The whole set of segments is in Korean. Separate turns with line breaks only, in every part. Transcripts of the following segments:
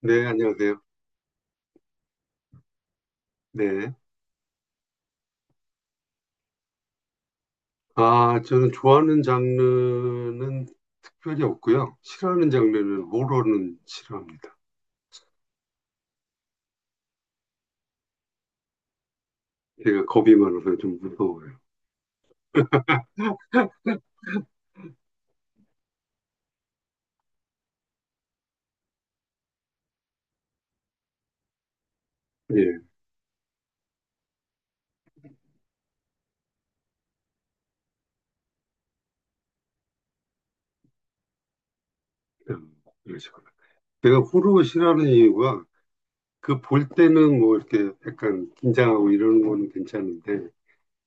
네, 안녕하세요. 네. 아, 저는 좋아하는 장르는 특별히 없고요. 싫어하는 장르는 호러는 싫어합니다. 제가 겁이 많아서 좀 무서워요. 예, 그런 식으로. 내가 호러 싫어하는 이유가 그 볼 때는 뭐 이렇게 약간 긴장하고 이러는 거는 괜찮은데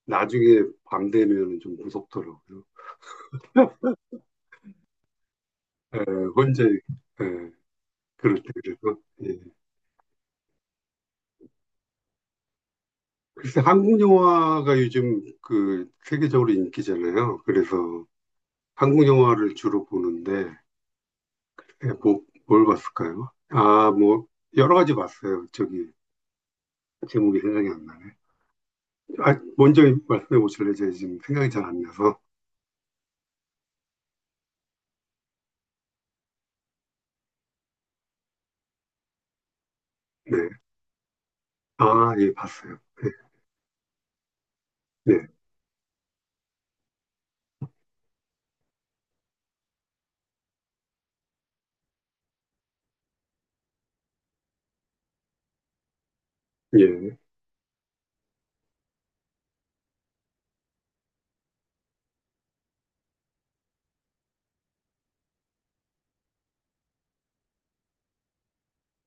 나중에 밤 되면 좀 무섭더라고요. 에, 혼자 에, 그럴 때 그래서 예. 글쎄 한국 영화가 요즘 그 세계적으로 인기잖아요. 그래서 한국 영화를 주로 보는데 예, 뭐, 뭘 봤을까요? 아, 뭐 여러 가지 봤어요. 저기 제목이 생각이 안 나네. 아, 먼저 말씀해 보실래요? 제가 지금 생각이 잘 안 나서. 네. 아, 예, 봤어요. 네. 네. 예.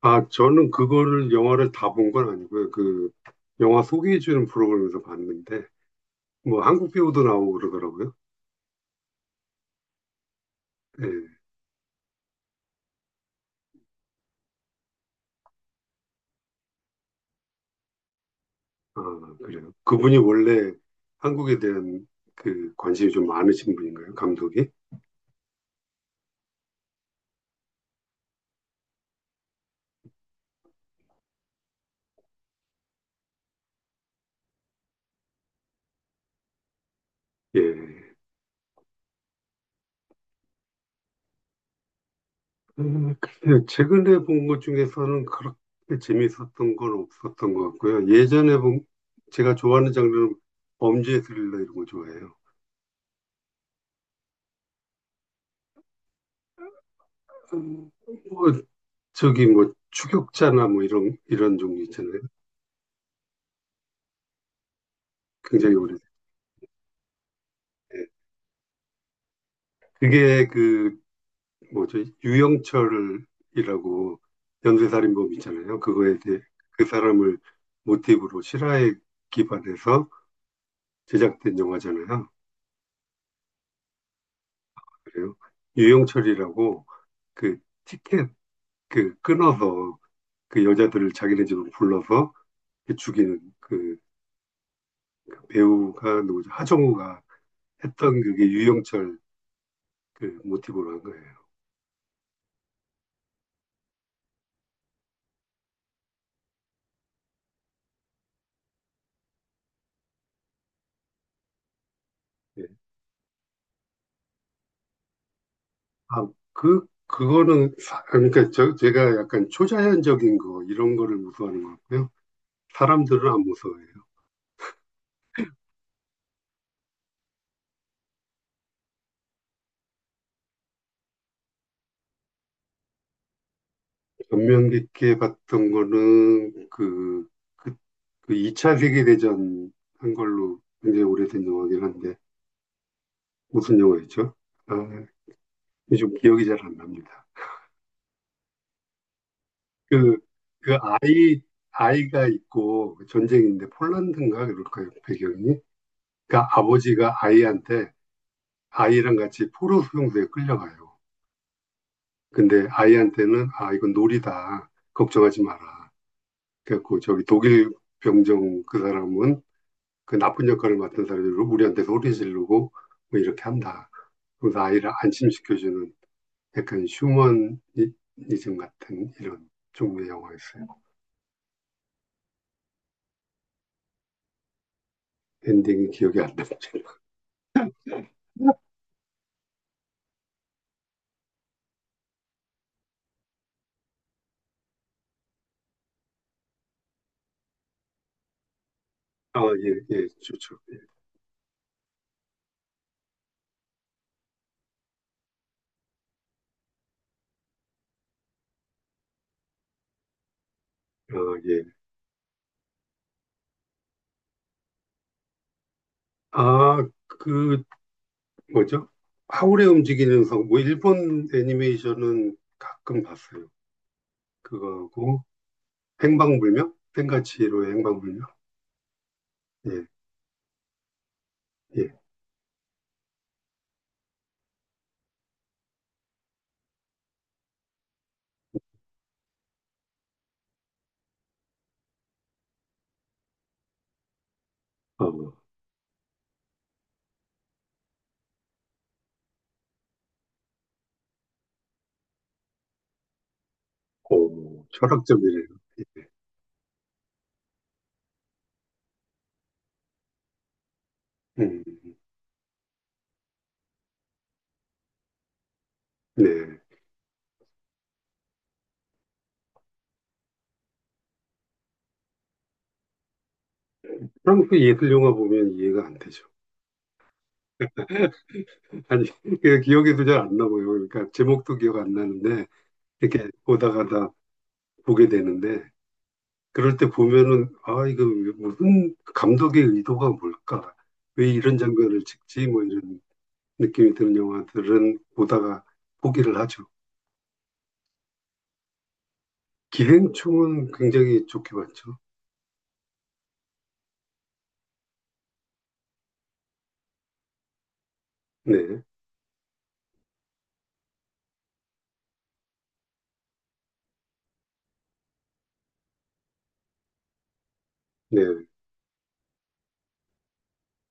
아, 저는 그거를 영화를 다 본 건 아니고요. 그 영화 소개해 주는 프로그램에서 봤는데 뭐 한국 배우도 나오고 그러더라고요. 예. 아, 그래요. 그분이 원래 한국에 대한 그 관심이 좀 많으신 분인가요? 감독이? 예. 글쎄요. 최근에 본 것 중에서는 그렇게 재밌었던 건 없었던 것 같고요. 예전에 본, 제가 좋아하는 장르는 범죄 스릴러 이런 거 좋아해요. 음, 뭐, 저기 뭐, 추격자나 뭐 이런 종류 있잖아요. 굉장히 오래된. 예. 그게 그, 뭐죠, 유영철이라고 연쇄살인범 있잖아요. 그거에 대해 그 사람을 모티브로 실화에 기반해서 제작된 영화잖아요. 그래요. 유영철이라고 그 티켓 그 끊어서 그 여자들을 자기네 집으로 불러서 죽이는 그 배우가 누구죠? 하정우가 했던 그게 유영철 그 모티브로 한 거예요. 예. 아, 그거는, 그러니까 제가 약간 초자연적인 거, 이런 거를 무서워하는 것 같고요. 사람들은 안 무서워해요. 감명 깊게 봤던 거는 그, 그 2차 세계대전 한 걸로 굉장히 오래된 영화긴 한데, 무슨 영화였죠? 아, 요즘 기억이 잘 안 납니다. 그, 그 아이, 아이가 있고 전쟁인데 폴란드인가 그럴까요? 배경이? 그러니까 아버지가 아이한테 아이랑 같이 포로 수용소에 끌려가요. 근데 아이한테는 아, 이건 놀이다. 걱정하지 마라. 그래갖고 저기 독일 병정 그 사람은 그 나쁜 역할을 맡은 사람이 우리한테 소리 지르고 뭐 이렇게 한다. 그래서 아이를 안심시켜주는 약간 휴머니즘 같은 이런 종류의 영화였어요. 엔딩이 기억이 안 납니다. 아, 예, 예, 좋죠. 예. 아, 예. 아, 그, 뭐죠? 하울의 움직이는 성, 뭐, 일본 애니메이션은 가끔 봤어요. 그거하고, 행방불명? 생가치로 행방불명? 예, 예. 어, 오, 철학적이네요. 예. 음, 네. 프랑스 예술 영화 보면 이해가 안 되죠. 아니, 그 기억에도 잘 안 나고요. 그러니까 제목도 기억 안 나는데, 이렇게 보다 가다 보게 되는데, 그럴 때 보면은 아 이거 무슨 감독의 의도가 뭘까? 왜 이런 장면을 찍지? 뭐 이런 느낌이 드는 영화들은 보다가 포기를 하죠. 기생충은 굉장히 좋게 봤죠. 네, 네,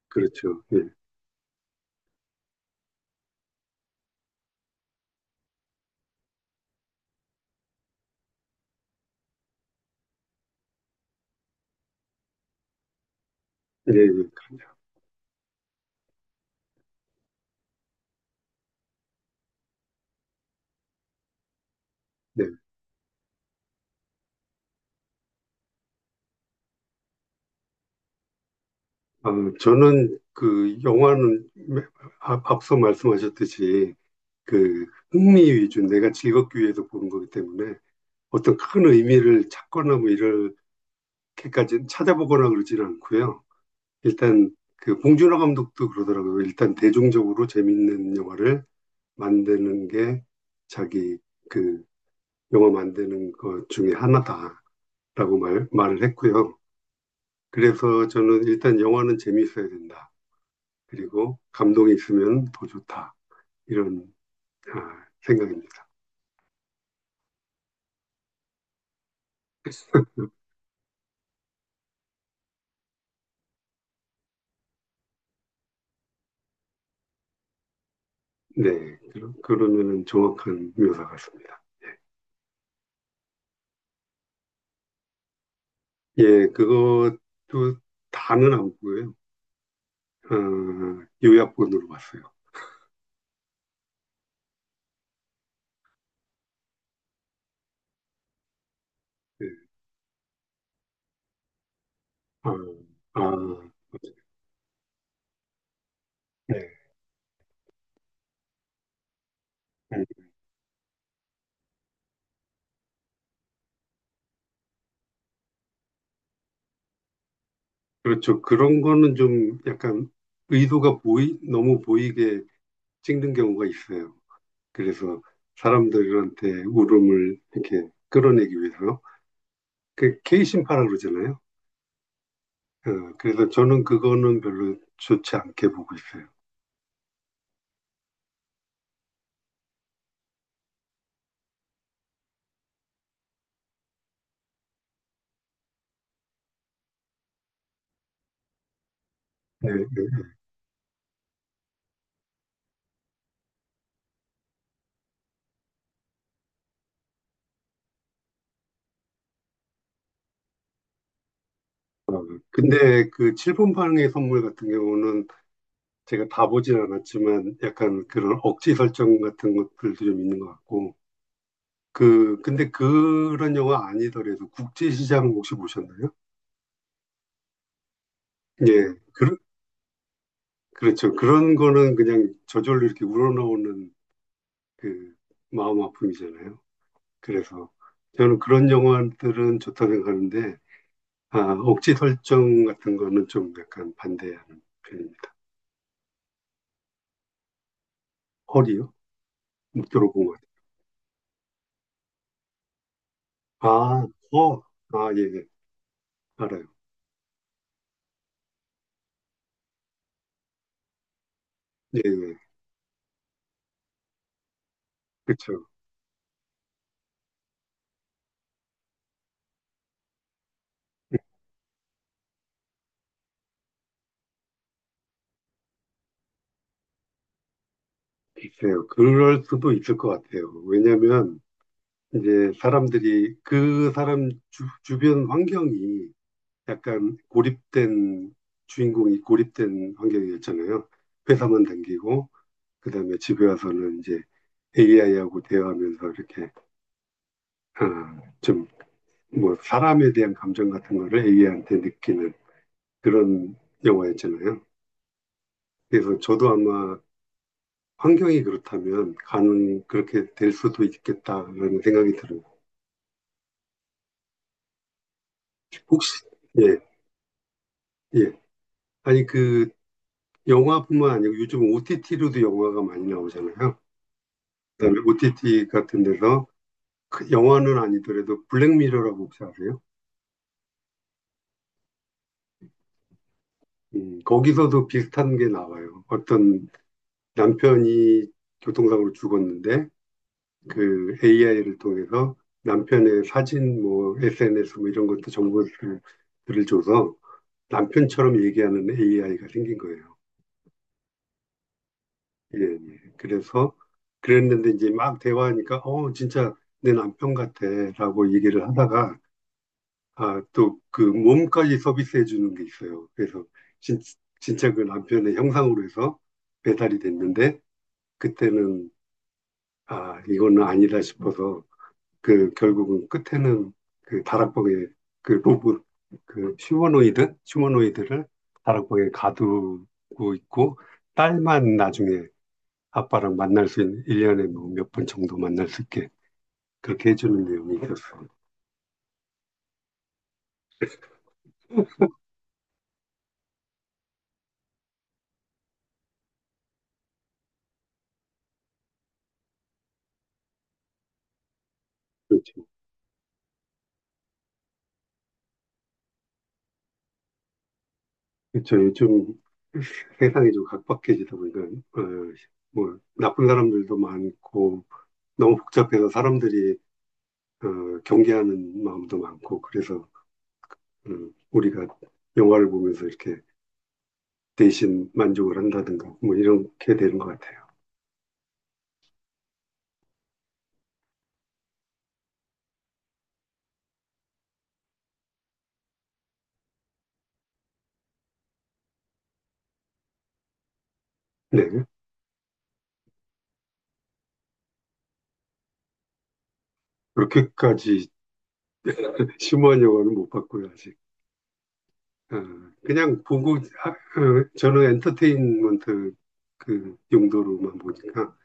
그렇죠. 네, 예, 예, 그럼요. 네. 아, 저는 그 영화는 앞서 말씀하셨듯이 그 흥미 위주, 내가 즐겁기 위해서 보는 거기 때문에 어떤 큰 의미를 찾거나 뭐 이렇게까지 찾아보거나 그러지는 않고요. 일단 그 봉준호 감독도 그러더라고요. 일단 대중적으로 재밌는 영화를 만드는 게 자기 그 영화 만드는 것 중에 하나다라고 말을 했고요. 그래서 저는 일단 영화는 재미있어야 된다. 그리고 감동이 있으면 더 좋다. 이런 아, 생각입니다. 네. 그러, 면은 정확한 묘사 같습니다. 예, 그것도 다는 안 보고요. 어, 요약본으로 봤어요. 네. 아, 아, 네. 음, 그렇죠. 그런 거는 좀 약간 의도가 너무 보이게 찍는 경우가 있어요. 그래서 사람들한테 울음을 이렇게 끌어내기 위해서. 그 케이신파라 그러잖아요. 그래서 저는 그거는 별로 좋지 않게 보고 있어요. 네, 네. 근데 그 7분방의 선물 같은 경우는 제가 다 보진 않았지만 약간 그런 억지 설정 같은 것들도 좀 있는 것 같고. 근데 그런 영화 아니더라도 국제시장 혹시 보셨나요? 예, 그렇죠. 그런 거는 그냥 저절로 이렇게 우러나오는 그 마음 아픔이잖아요. 그래서 저는 그런 영화들은 좋다 생각하는데, 아, 억지 설정 같은 거는 좀 약간 반대하는 편입니다. 헐이요? 못 들어본 것 같아요. 아, 어, 아, 예, 예. 알아요. 예, 예. 그렇죠. 글쎄요. 그럴 수도 있을 것 같아요. 왜냐면, 이제 사람들이 그 사람 주변 환경이 약간 고립된 주인공이 고립된 환경이었잖아요. 회사만 다니고 그다음에 집에 와서는 이제 AI하고 대화하면서 이렇게 아, 좀 뭐 사람에 대한 감정 같은 거를 AI한테 느끼는 그런 영화였잖아요. 그래서 저도 아마 환경이 그렇다면 가능 그렇게 될 수도 있겠다라는 생각이 들어요. 혹시 예, 예. 아니 그 영화뿐만 아니고 요즘 OTT로도 영화가 많이 나오잖아요. 그다음에 OTT 같은 데서 그 영화는 아니더라도 블랙미러라고 혹시 아세요? 거기서도 비슷한 게 나와요. 어떤 남편이 교통사고로 죽었는데 그 AI를 통해서 남편의 사진, 뭐 SNS 뭐 이런 것도 정보들을 줘서 남편처럼 얘기하는 AI가 생긴 거예요. 예, 예. 그래서 그랬는데 이제 막 대화하니까 어 진짜 내 남편 같아라고 얘기를 하다가 아, 또 그 몸까지 서비스해 주는 게 있어요. 그래서 진, 진짜 그 남편의 형상으로 해서 배달이 됐는데 그때는 아, 이거는 아니다 싶어서 그 결국은 끝에는 그 다락방에 그 로봇 그 휴머노이드를 다락방에 가두고 있고 딸만 나중에 아빠랑 만날 수 있는 1년에 뭐 몇 번 정도 만날 수 있게 그렇게 해주는 내용이 있었어요. 그렇죠. 그렇죠. 요즘 세상이 좀 각박해지다 보니까 뭐 나쁜 사람들도 많고 너무 복잡해서 사람들이 경계하는 마음도 많고 그래서 우리가 영화를 보면서 이렇게 대신 만족을 한다든가 뭐 이렇게 되는 것 같아요. 네. 그렇게까지 심오한 영화는 못 봤고요, 아직. 어, 그냥 보고 아, 저는 엔터테인먼트 그 용도로만 보니까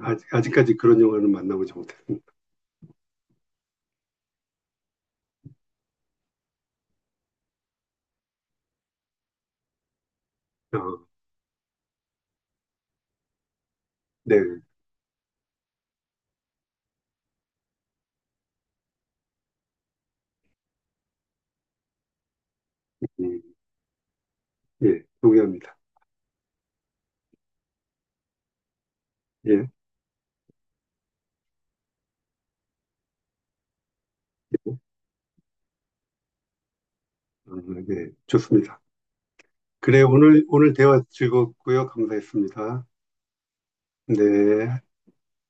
아직까지 그런 영화는 만나보지 못했습니다. 어, 네. 음, 예, 동의합니다. 예, 예, 아, 네, 좋습니다. 그래, 오늘 대화 즐겁고요. 감사했습니다. 네.